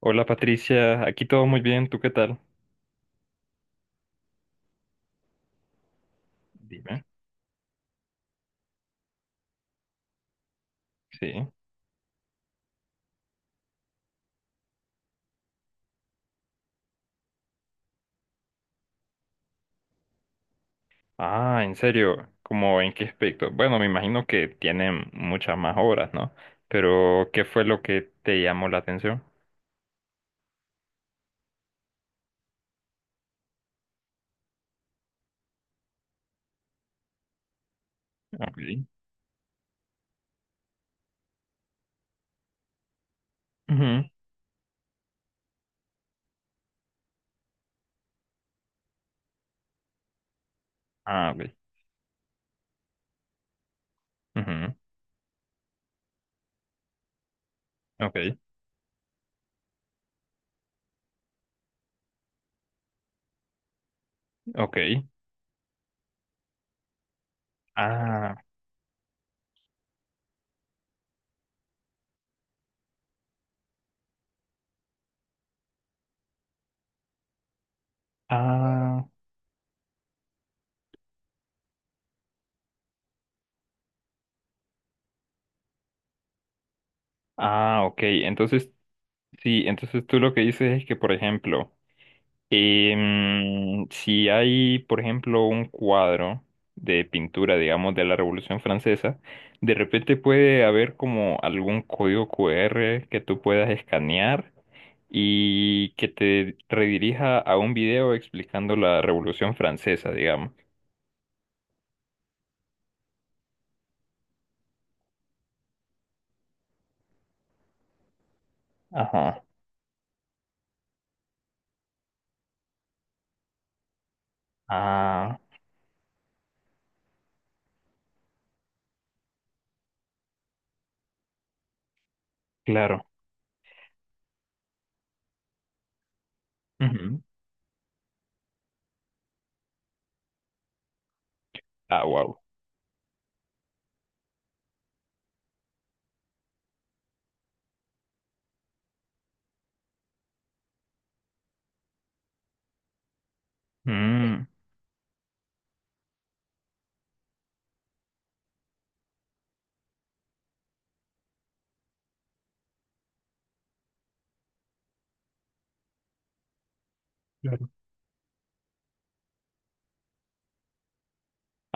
Hola Patricia, aquí todo muy bien, ¿tú qué tal? Dime. Sí. Ah, en serio, ¿cómo en qué aspecto? Bueno, me imagino que tienen muchas más obras, ¿no? Pero, ¿qué fue lo que te llamó la atención? Ok. Ujú. Ah, ok. Ujú. Ok, ok. Ah, ah, ah, ok. Entonces, sí, entonces tú lo que dices es que, por ejemplo, si hay, por ejemplo, un cuadro de pintura, digamos, de la Revolución Francesa, de repente puede haber como algún código QR que tú puedas escanear y que te redirija a un video explicando la Revolución Francesa, digamos. Ajá. Ah, claro. Ujú. Ah, wow.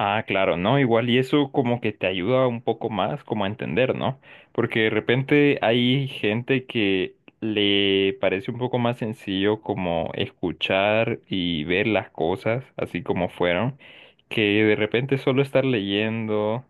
Ah, claro, ¿no? Igual, y eso como que te ayuda un poco más como a entender, ¿no? Porque de repente hay gente que le parece un poco más sencillo como escuchar y ver las cosas así como fueron, que de repente solo estar leyendo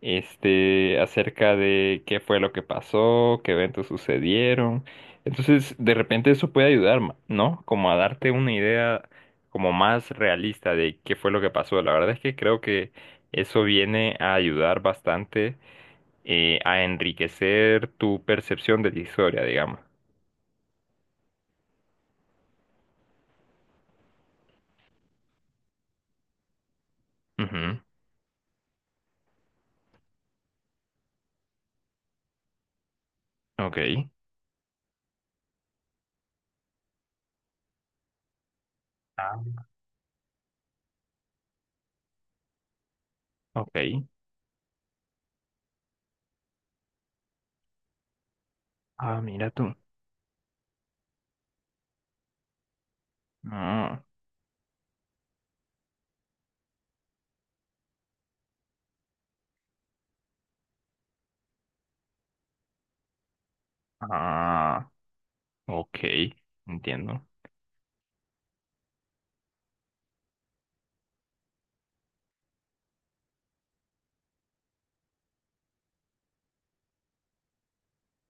este, acerca de qué fue lo que pasó, qué eventos sucedieron. Entonces, de repente eso puede ayudar, ¿no? Como a darte una idea como más realista de qué fue lo que pasó. La verdad es que creo que eso viene a ayudar bastante a enriquecer tu percepción de la historia, digamos. Ujú. Ok. Ah, ok. Ah, mira tú. Ah, ah, ok. Entiendo.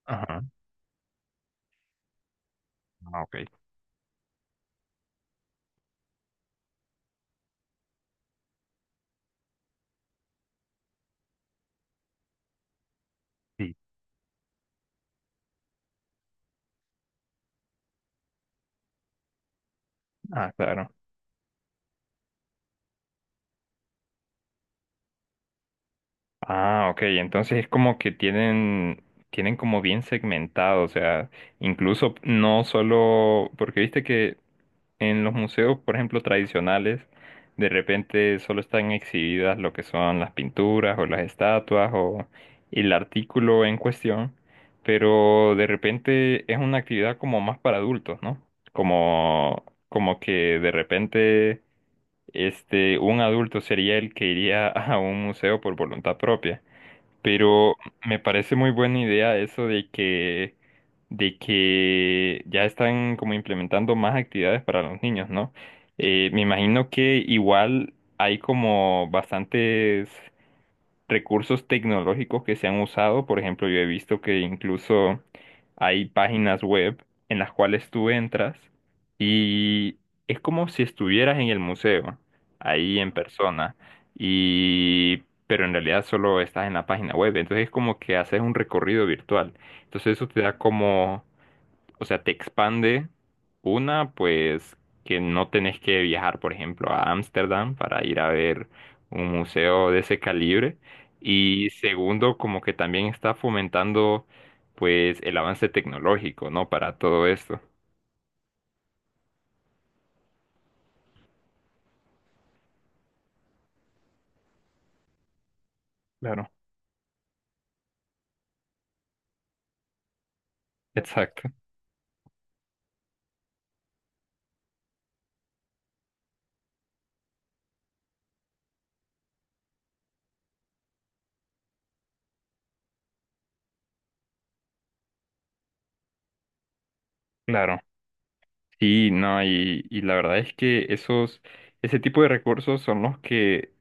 Ajá, ah, ok. Sí. Ah, claro. Ah, ok, entonces es como que tienen, como bien segmentado, o sea, incluso no solo, porque viste que en los museos, por ejemplo, tradicionales, de repente solo están exhibidas lo que son las pinturas o las estatuas o el artículo en cuestión, pero de repente es una actividad como más para adultos, ¿no? Como, como que de repente este, un adulto sería el que iría a un museo por voluntad propia. Pero me parece muy buena idea eso de que ya están como implementando más actividades para los niños, ¿no? Me imagino que igual hay como bastantes recursos tecnológicos que se han usado. Por ejemplo, yo he visto que incluso hay páginas web en las cuales tú entras y es como si estuvieras en el museo, ahí en persona, y pero en realidad solo estás en la página web. Entonces es como que haces un recorrido virtual. Entonces eso te da como, o sea, te expande una, pues, que no tenés que viajar, por ejemplo, a Ámsterdam para ir a ver un museo de ese calibre. Y segundo, como que también está fomentando, pues, el avance tecnológico, ¿no? Para todo esto. Claro, exacto, claro. Sí, no, y la verdad es que ese tipo de recursos son los que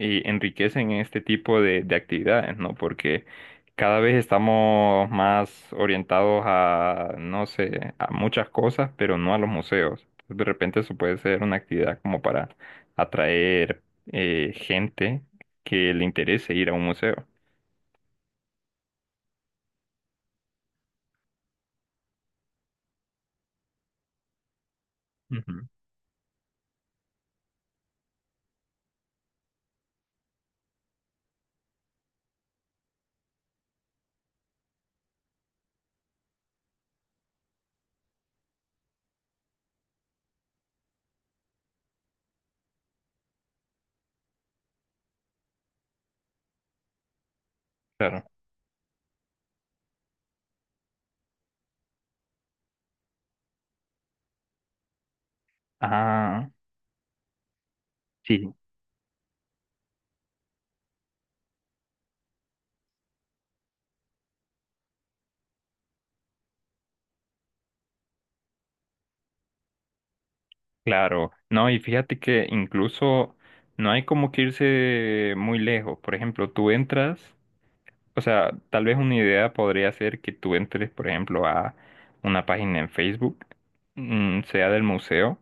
enriquecen este tipo de actividades, ¿no? Porque cada vez estamos más orientados a, no sé, a muchas cosas, pero no a los museos. Entonces, de repente eso puede ser una actividad como para atraer gente que le interese ir a un museo. Ujú. Claro. Ah, sí. Claro, no, y fíjate que incluso no hay como que irse muy lejos. Por ejemplo, tú entras, o sea, tal vez una idea podría ser que tú entres, por ejemplo, a una página en Facebook, sea del museo,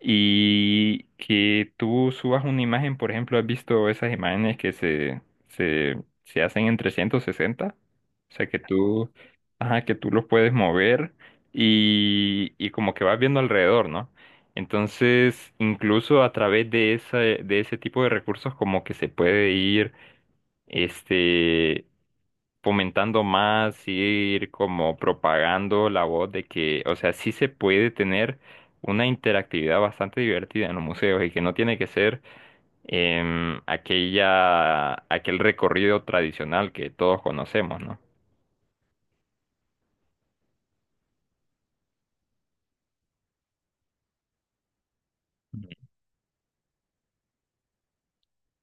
y que tú subas una imagen, por ejemplo, ¿has visto esas imágenes que se, se hacen en 360? O sea, que tú, ajá, que tú los puedes mover y como que vas viendo alrededor, ¿no? Entonces, incluso a través de esa, de ese tipo de recursos, como que se puede ir, este, fomentando más, ir como propagando la voz de que, o sea, sí se puede tener una interactividad bastante divertida en los museos y que no tiene que ser aquella, aquel recorrido tradicional que todos conocemos, ¿no?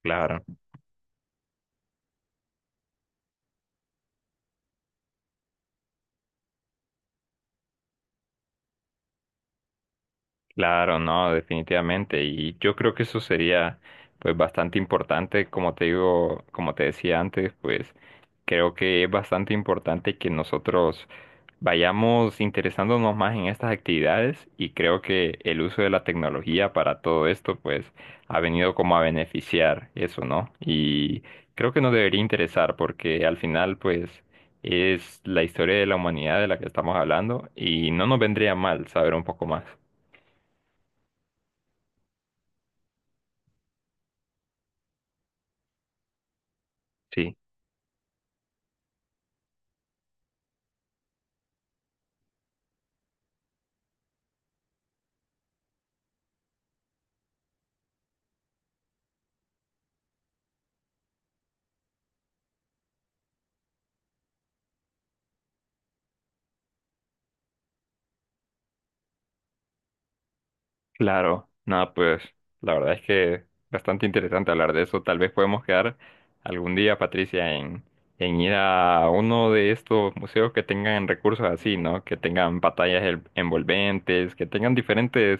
Claro, claro, no, definitivamente. Y yo creo que eso sería pues bastante importante, como te digo, como te decía antes, pues creo que es bastante importante que nosotros vayamos interesándonos más en estas actividades y creo que el uso de la tecnología para todo esto pues ha venido como a beneficiar eso, ¿no? Y creo que nos debería interesar porque al final pues es la historia de la humanidad de la que estamos hablando y no nos vendría mal saber un poco más. Sí. Claro, nada, pues la verdad es que bastante interesante hablar de eso. Tal vez podemos quedar algún día, Patricia, en ir a uno de estos museos que tengan recursos así, ¿no? Que tengan pantallas envolventes, que tengan diferentes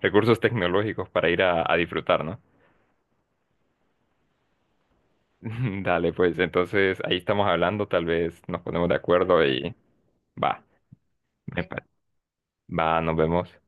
recursos tecnológicos para ir a disfrutar, ¿no? Dale, pues entonces ahí estamos hablando, tal vez nos ponemos de acuerdo y va, me pa- va, nos vemos.